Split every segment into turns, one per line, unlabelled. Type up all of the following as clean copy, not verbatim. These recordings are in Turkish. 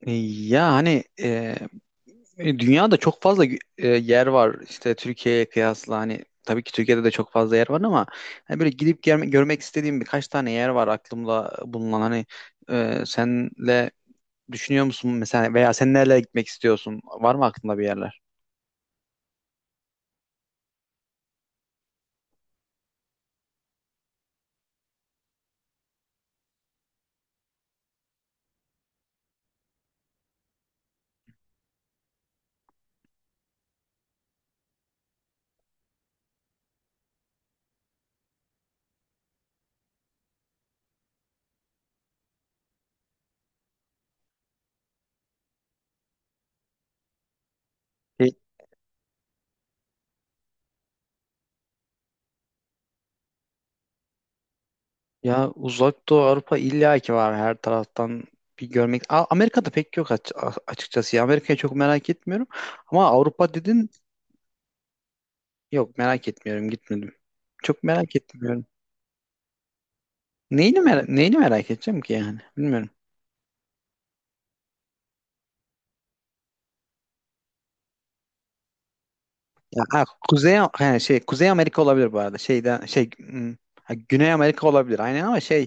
E, Ya hani e, dünyada çok fazla yer var işte Türkiye'ye kıyasla hani tabii ki Türkiye'de de çok fazla yer var ama hani böyle görmek istediğim birkaç tane yer var aklımda bulunan hani, senle düşünüyor musun mesela veya sen nerelere gitmek istiyorsun, var mı aklında bir yerler? E, Ya, Uzak Doğu Avrupa illa ki var, her taraftan bir görmek. Amerika'da pek yok, açıkçası ya, Amerika'yı çok merak etmiyorum ama Avrupa dedin. Yok, merak etmiyorum, gitmedim. Çok merak etmiyorum. Neyini merak edeceğim ki yani? Bilmiyorum. Ya, ha, Kuzey yani şey Kuzey Amerika olabilir bu arada. Ha, Güney Amerika olabilir. Aynen ama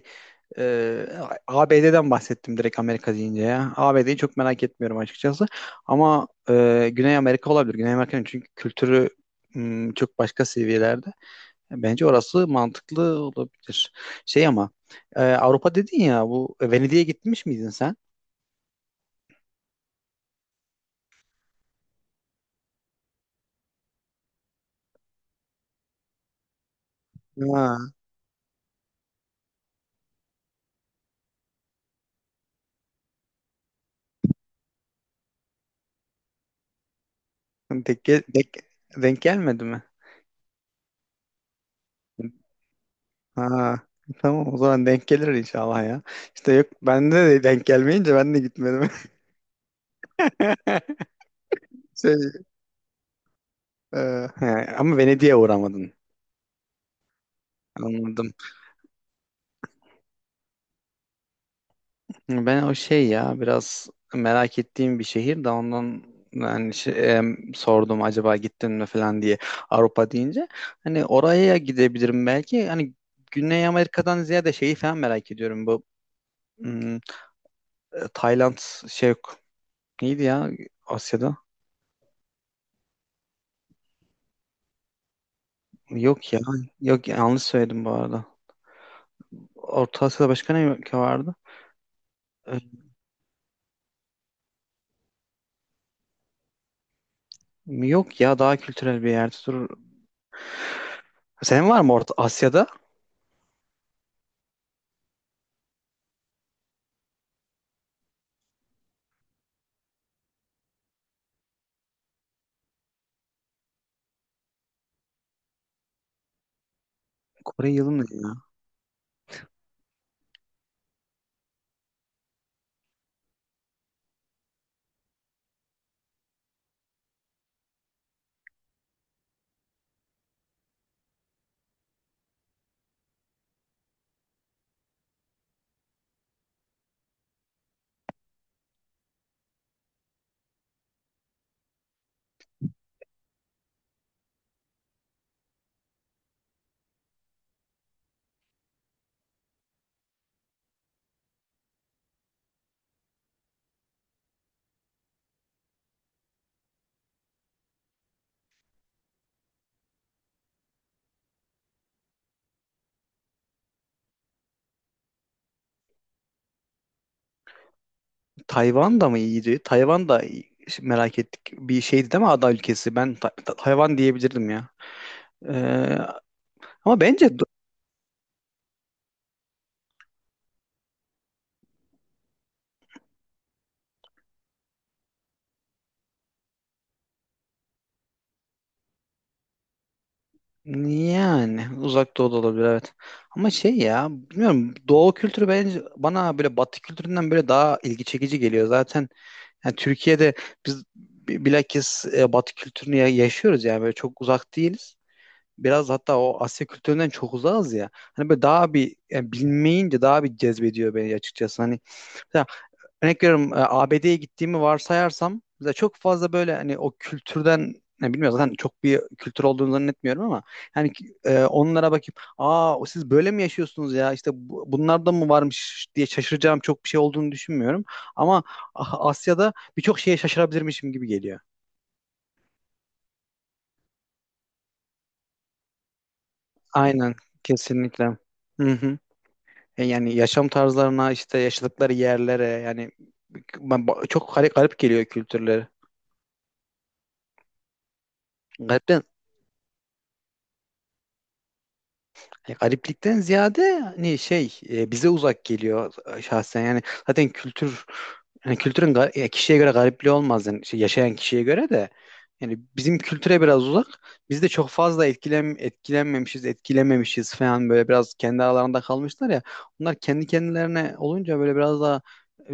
e, ABD'den bahsettim direkt Amerika deyince ya. ABD'yi çok merak etmiyorum açıkçası. Ama Güney Amerika olabilir. Güney Amerika'nın çünkü kültürü çok başka seviyelerde. Bence orası mantıklı olabilir. Şey ama Avrupa dedin ya, bu Venedik'e gitmiş miydin sen? Ha, Denk, gel- denk, denk gelmedi mi? Ha, tamam, o zaman denk gelir inşallah ya. İşte yok, bende de denk gelmeyince ben de gitmedim. Şey, e, he, ama Venedik'e uğramadın. Anladım. Ben o şey ya, biraz merak ettiğim bir şehir de ondan yani, sordum acaba gittin mi falan diye, Avrupa deyince. Hani oraya gidebilirim belki. Hani Güney Amerika'dan ziyade şeyi falan merak ediyorum, bu hmm, Tayland, şey yok. Neydi ya Asya'da? Yok ya. Yok, yanlış söyledim bu arada. Orta Asya'da başka ne ülke vardı? Ee, yok ya, daha kültürel bir yerde dur. Senin var mı Orta Asya'da? Kore yılı ne ya? Tayvan da mı iyiydi? Merak ettik. Bir şeydi değil mi, ada ülkesi? Ben Tayvan diyebilirdim ya. Ee, ama bence Yani uzak doğu da olabilir evet. Ama şey ya, bilmiyorum, doğu kültürü bence bana böyle batı kültüründen böyle daha ilgi çekici geliyor. Zaten yani Türkiye'de biz bilakis batı kültürünü yaşıyoruz, yani böyle çok uzak değiliz. Biraz hatta o Asya kültüründen çok uzağız ya. Hani böyle daha bir yani, bilmeyince daha bir cezbediyor beni açıkçası. Hani örnek veriyorum, ABD'ye gittiğimi varsayarsam mesela, çok fazla böyle hani o kültürden ne, bilmiyorum, zaten çok bir kültür olduğunu zannetmiyorum ama yani onlara bakıp aa o siz böyle mi yaşıyorsunuz ya, işte bunlarda mı varmış diye şaşıracağım çok bir şey olduğunu düşünmüyorum, ama Asya'da birçok şeye şaşırabilirmişim gibi geliyor. Aynen, kesinlikle. Hı hı. Yani yaşam tarzlarına, işte yaşadıkları yerlere yani, çok garip geliyor kültürleri. Garip, hani gariplikten ziyade hani şey, bize uzak geliyor, şahsen yani. Zaten kültür yani kültürün ya, kişiye göre garipliği olmaz yani, şey, yaşayan kişiye göre de yani, bizim kültüre biraz uzak, biz de çok fazla etkilenmemişiz falan, böyle biraz kendi aralarında kalmışlar ya, bunlar kendi kendilerine olunca böyle biraz daha e,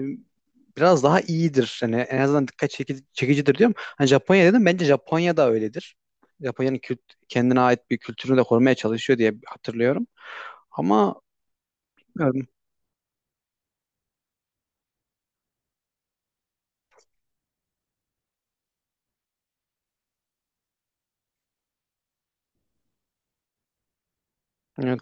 biraz daha iyidir yani en azından dikkat çekicidir diyorum. Hani Japonya dedim, bence Japonya da öyledir. Japonya'nın kendine ait bir kültürünü de korumaya çalışıyor diye hatırlıyorum. Ama bilmiyorum. Evet.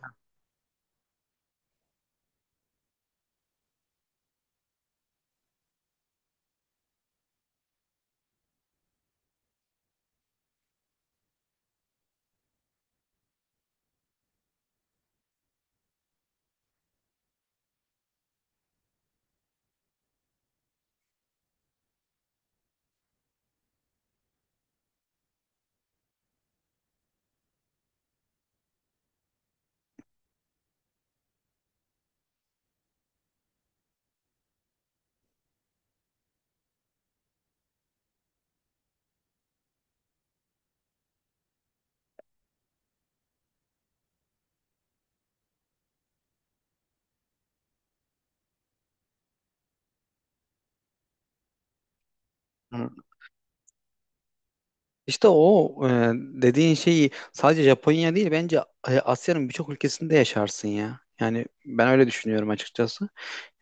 İşte o dediğin şeyi sadece Japonya değil bence, Asya'nın birçok ülkesinde yaşarsın ya. Yani ben öyle düşünüyorum açıkçası.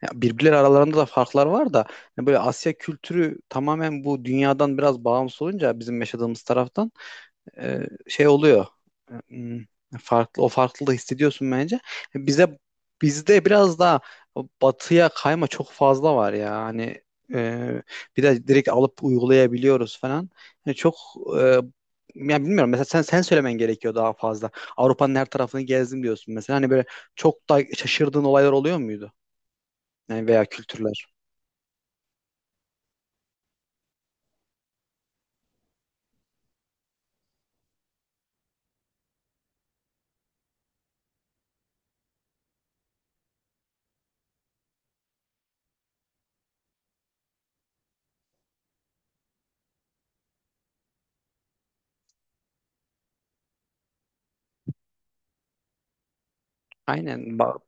Ya, birbirleri aralarında da farklar var da yani, böyle Asya kültürü tamamen bu dünyadan biraz bağımsız olunca bizim yaşadığımız taraftan şey oluyor. E, Hmm, Farklı, o farklılığı hissediyorsun bence. E, Bize bizde biraz daha batıya kayma çok fazla var ya. Hani, e, bir de direkt alıp uygulayabiliyoruz falan. Yani çok e, ya bilmiyorum, mesela sen söylemen gerekiyor daha fazla. Avrupa'nın her tarafını gezdim diyorsun mesela. Hani böyle çok da şaşırdığın olaylar oluyor muydu? Yani veya kültürler. Aynen.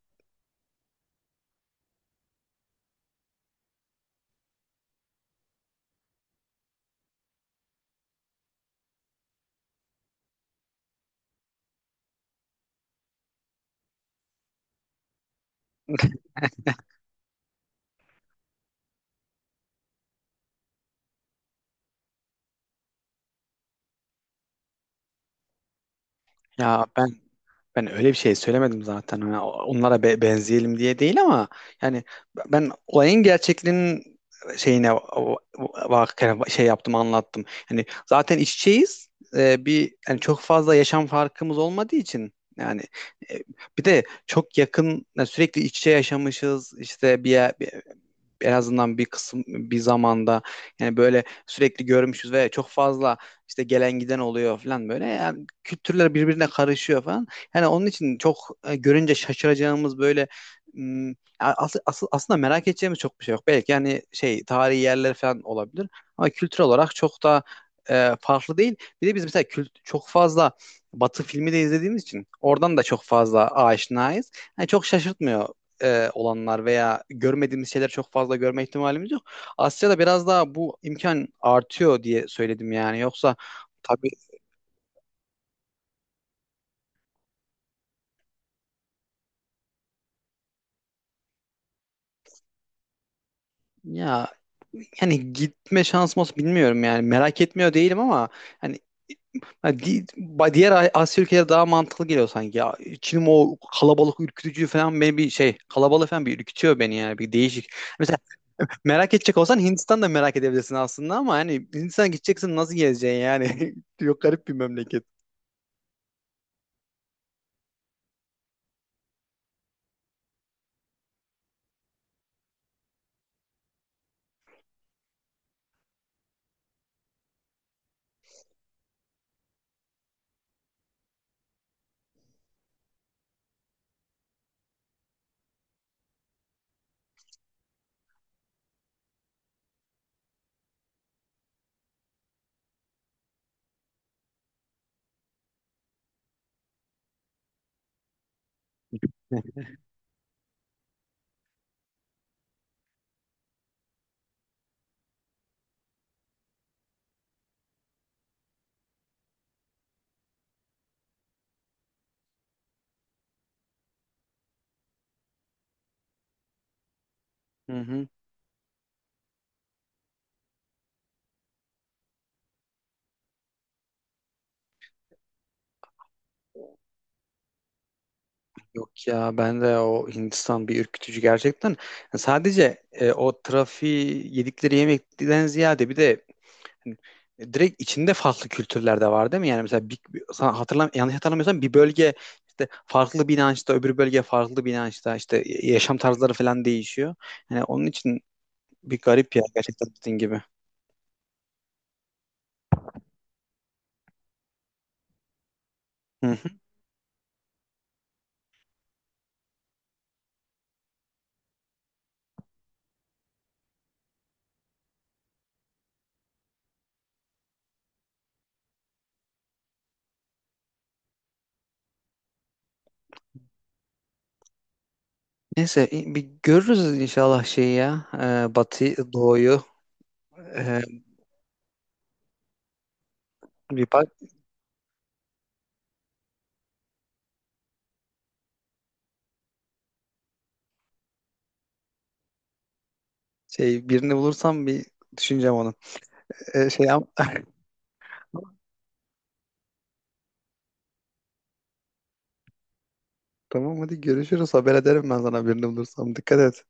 Ya ben Ben öyle bir şey söylemedim zaten. Hani onlara benzeyelim diye değil ama yani, ben olayın gerçekliğinin şeyine bak, şey yaptım, anlattım. Yani zaten iç içeyiz. Bir yani, çok fazla yaşam farkımız olmadığı için yani, e, bir de çok yakın yani, sürekli iç içe yaşamışız. İşte bir yer, en azından bir kısım bir zamanda yani böyle sürekli görmüşüz ve çok fazla işte gelen giden oluyor falan, böyle yani kültürler birbirine karışıyor falan. Yani onun için çok görünce şaşıracağımız böyle aslında merak edeceğimiz çok bir şey yok. Belki yani şey, tarihi yerler falan olabilir, ama kültür olarak çok da farklı değil. Bir de biz mesela kült çok fazla Batı filmi de izlediğimiz için oradan da çok fazla aşinayız. Yani çok şaşırtmıyor olanlar veya görmediğimiz şeyler çok fazla görme ihtimalimiz yok. Asya'da biraz daha bu imkan artıyor diye söyledim yani. Yoksa tabii. Ya yani, gitme şansım olsa bilmiyorum yani, merak etmiyor değilim ama hani, ha, diğer Asya ülkeleri daha mantıklı geliyor sanki. Ya, Çin'in o kalabalık ürkütücü falan, beni bir şey, kalabalık falan bir ürkütüyor beni yani, bir değişik. Mesela merak edecek olsan Hindistan'da merak edebilirsin aslında, ama hani Hindistan gideceksin nasıl gezeceksin yani? Yok, garip bir memleket. Hı hı. Yok ya, ben de o Hindistan bir ürkütücü gerçekten. Yani sadece o trafiği, yedikleri yemekten ziyade bir de hani, direkt içinde farklı kültürler de var değil mi? Yani mesela sana yanlış hatırlamıyorsam, bir bölge işte farklı bir inançta, öbür bölge farklı bir inançta, işte yaşam tarzları falan değişiyor. Yani onun için bir garip ya, gerçekten, dediğin gibi. Hı hı. Neyse, bir görürüz inşallah şeyi ya, Batı Doğu'yu. E, bir bak. Şey, birini bulursam bir düşüneceğim onu. Şey yap. Tamam hadi görüşürüz. Haber ederim ben sana birini bulursam. Dikkat et.